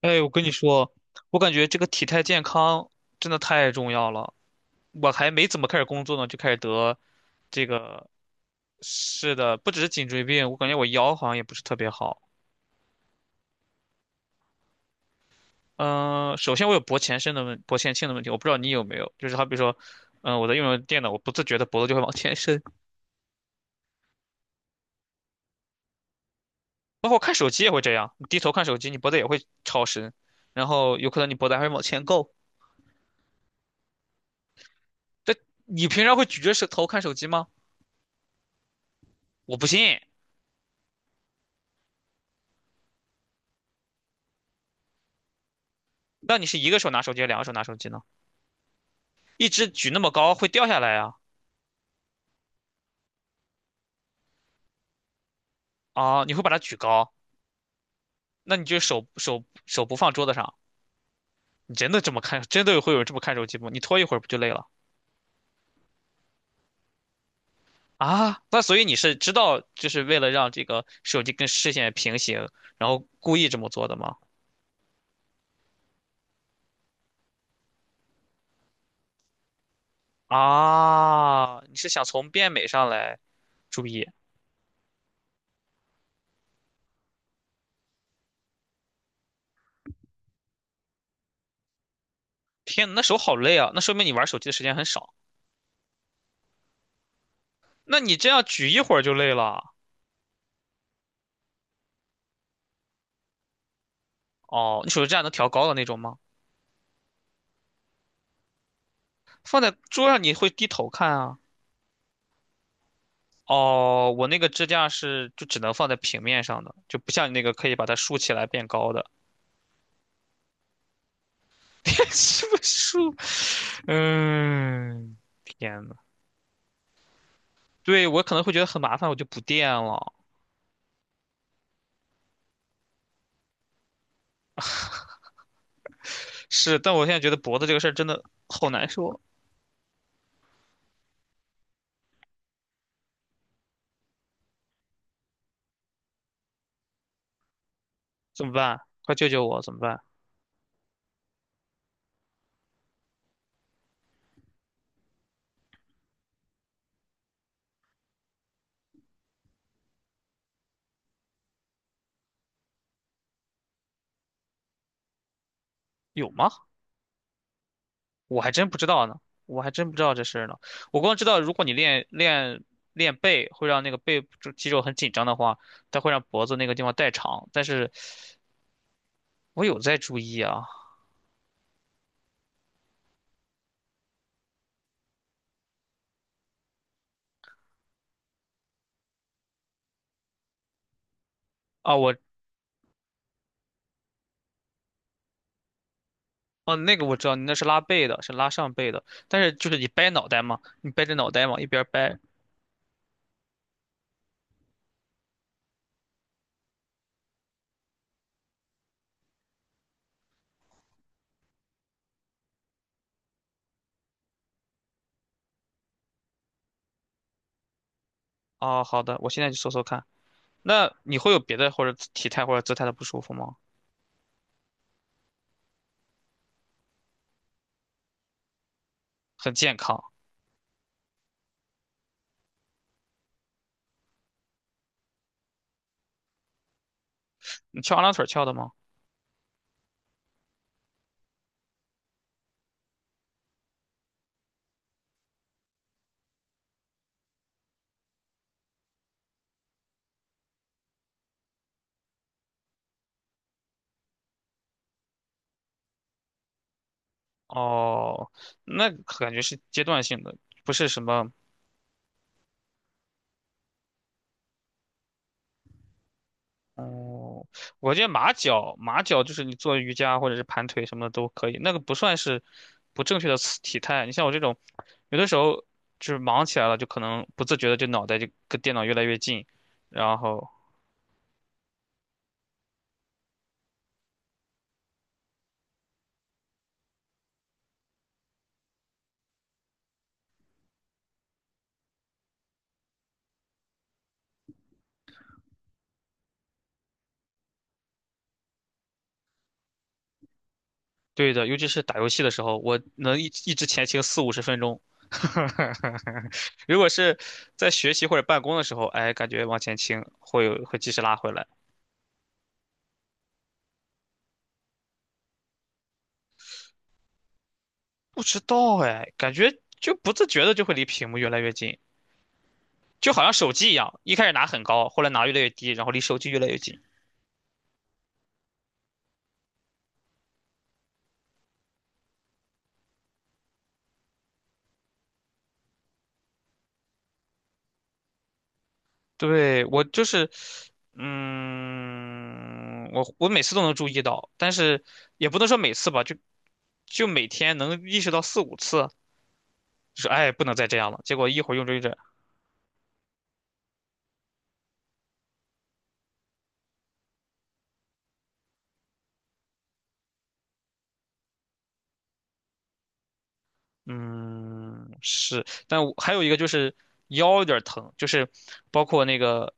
哎，我跟你说，我感觉这个体态健康真的太重要了。我还没怎么开始工作呢，就开始得这个。是的，不只是颈椎病，我感觉我腰好像也不是特别好。嗯、首先我有脖前倾的问题，我不知道你有没有。就是好比说，我在用着电脑，我不自觉的脖子就会往前伸，包括看手机也会这样。你低头看手机，你脖子也会超伸，然后有可能你脖子还会往前够。这你平常会举着手头看手机吗？我不信。那你是一个手拿手机，两个手拿手机呢？一直举那么高会掉下来啊。啊！你会把它举高，那你就手不放桌子上。你真的这么看？真的会有人这么看手机吗？你拖一会儿不就累了啊？那所以你是知道，就是为了让这个手机跟视线平行，然后故意这么做的吗？啊，你是想从变美上来注意？天呐，那手好累啊！那说明你玩手机的时间很少。那你这样举一会儿就累了。哦，你手机这样能调高的那种吗？放在桌上你会低头看啊。哦，我那个支架是就只能放在平面上的，就不像你那个可以把它竖起来变高的。什么竖？嗯，天呐。对，我可能会觉得很麻烦，我就不垫了。是，但我现在觉得脖子这个事儿真的好难受。怎么办？快救救我，怎么办？有吗？我还真不知道呢，我还真不知道这事儿呢。我光知道，如果你练背，会让那个背部肌肉很紧张的话，它会让脖子那个地方代偿。但是我有在注意啊。啊，我哦，那个我知道，你那是拉背的，是拉上背的，但是就是你掰脑袋嘛，你掰着脑袋往一边儿掰。哦，好的，我现在去搜搜看。那你会有别的或者体态或者姿态的不舒服吗？很健康。你翘二郎腿儿翘的吗？哦，那感觉是阶段性的，不是什么。哦，我觉得马脚，马脚就是你做瑜伽或者是盘腿什么的都可以，那个不算是不正确的姿体态。你像我这种，有的时候就是忙起来了，就可能不自觉的就脑袋就跟电脑越来越近，然后对的，尤其是打游戏的时候，我能一直前倾四五十分钟。如果是在学习或者办公的时候，哎，感觉往前倾会有会及时拉回来。不知道哎，感觉就不自觉的就会离屏幕越来越近。就好像手机一样，一开始拿很高，后来拿越来越低，然后离手机越来越近。对，我就是，嗯，我每次都能注意到，但是也不能说每次吧，就每天能意识到四五次，就是哎，不能再这样了。结果一会儿用着用着，嗯，是，但我还有一个就是腰有点儿疼，就是包括那个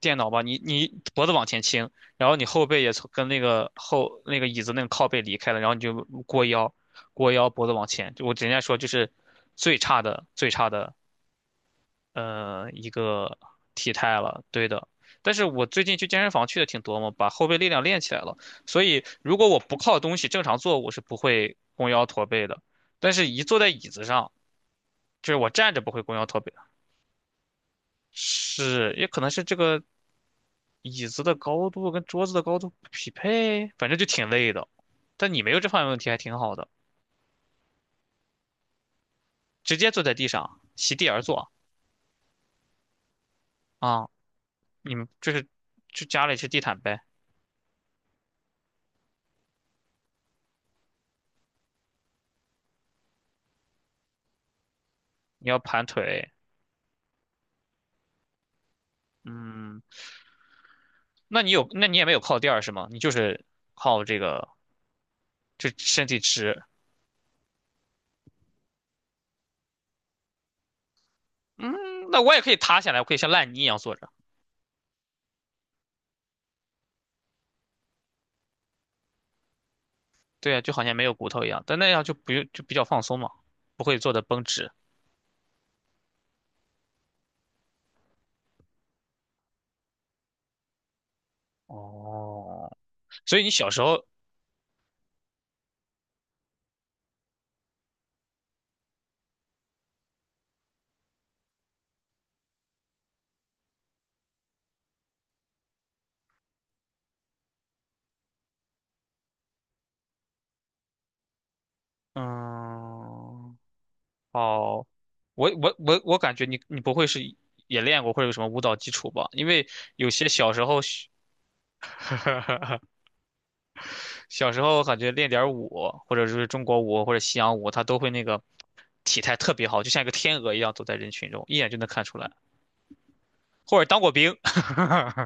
电脑吧，你脖子往前倾，然后你后背也从跟那个后那个椅子那个靠背离开了，然后你就过腰，过腰脖子往前，就我人家说就是最差的最差的一个体态了，对的。但是我最近去健身房去的挺多嘛，把后背力量练起来了，所以如果我不靠东西正常坐，我是不会弓腰驼背的。但是一坐在椅子上，就是我站着不会弓腰驼背，是也可能是这个椅子的高度跟桌子的高度不匹配，反正就挺累的。但你没有这方面问题，还挺好的。直接坐在地上，席地而坐啊。你们就是就家里是地毯呗。你要盘腿，嗯，那你有那你也没有靠垫儿是吗？你就是靠这个就身体直。嗯，那我也可以塌下来，我可以像烂泥一样坐着，对啊，就好像没有骨头一样，但那样就不用就比较放松嘛，不会坐的绷直。哦，所以你小时候，嗯，哦，我感觉你不会是也练过或者有什么舞蹈基础吧？因为有些小时候学小时候感觉练点儿舞，或者是中国舞或者西洋舞，他都会那个体态特别好，就像一个天鹅一样走在人群中，一眼就能看出来。或者当过兵。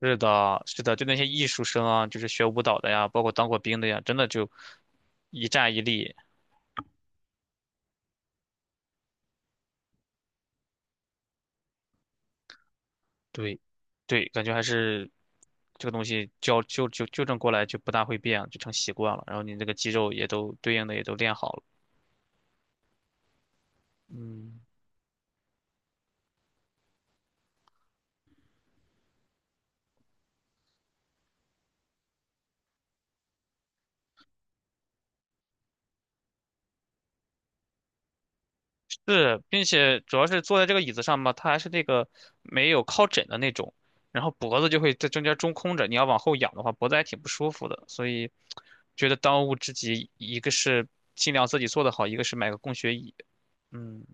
是的，是的，就那些艺术生啊，就是学舞蹈的呀，包括当过兵的呀，真的就一站一立。对，对，感觉还是这个东西纠正过来就不大会变，就成习惯了。然后你那个肌肉也都对应的也都练好了。嗯，是，并且主要是坐在这个椅子上吧，它还是那个没有靠枕的那种，然后脖子就会在中间中空着，你要往后仰的话，脖子还挺不舒服的。所以觉得当务之急，一个是尽量自己做得好，一个是买个供学椅。嗯，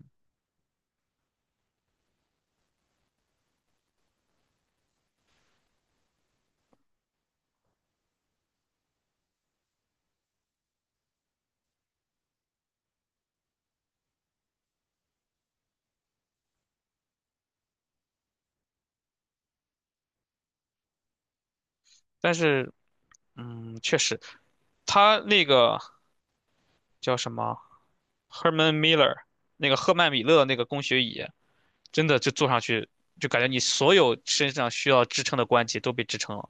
但是嗯，确实，它那个叫什么？Herman Miller 那个赫曼米勒那个工学椅，真的就坐上去就感觉你所有身上需要支撑的关节都被支撑了。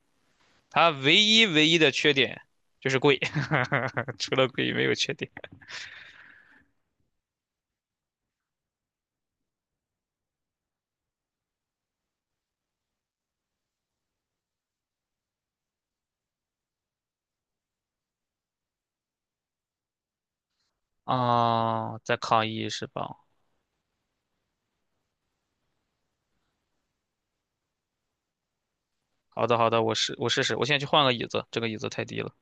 它唯一唯一的缺点就是贵，除了贵没有缺点。啊、在抗议是吧？好的好的，我试试，我现在去换个椅子，这个椅子太低了。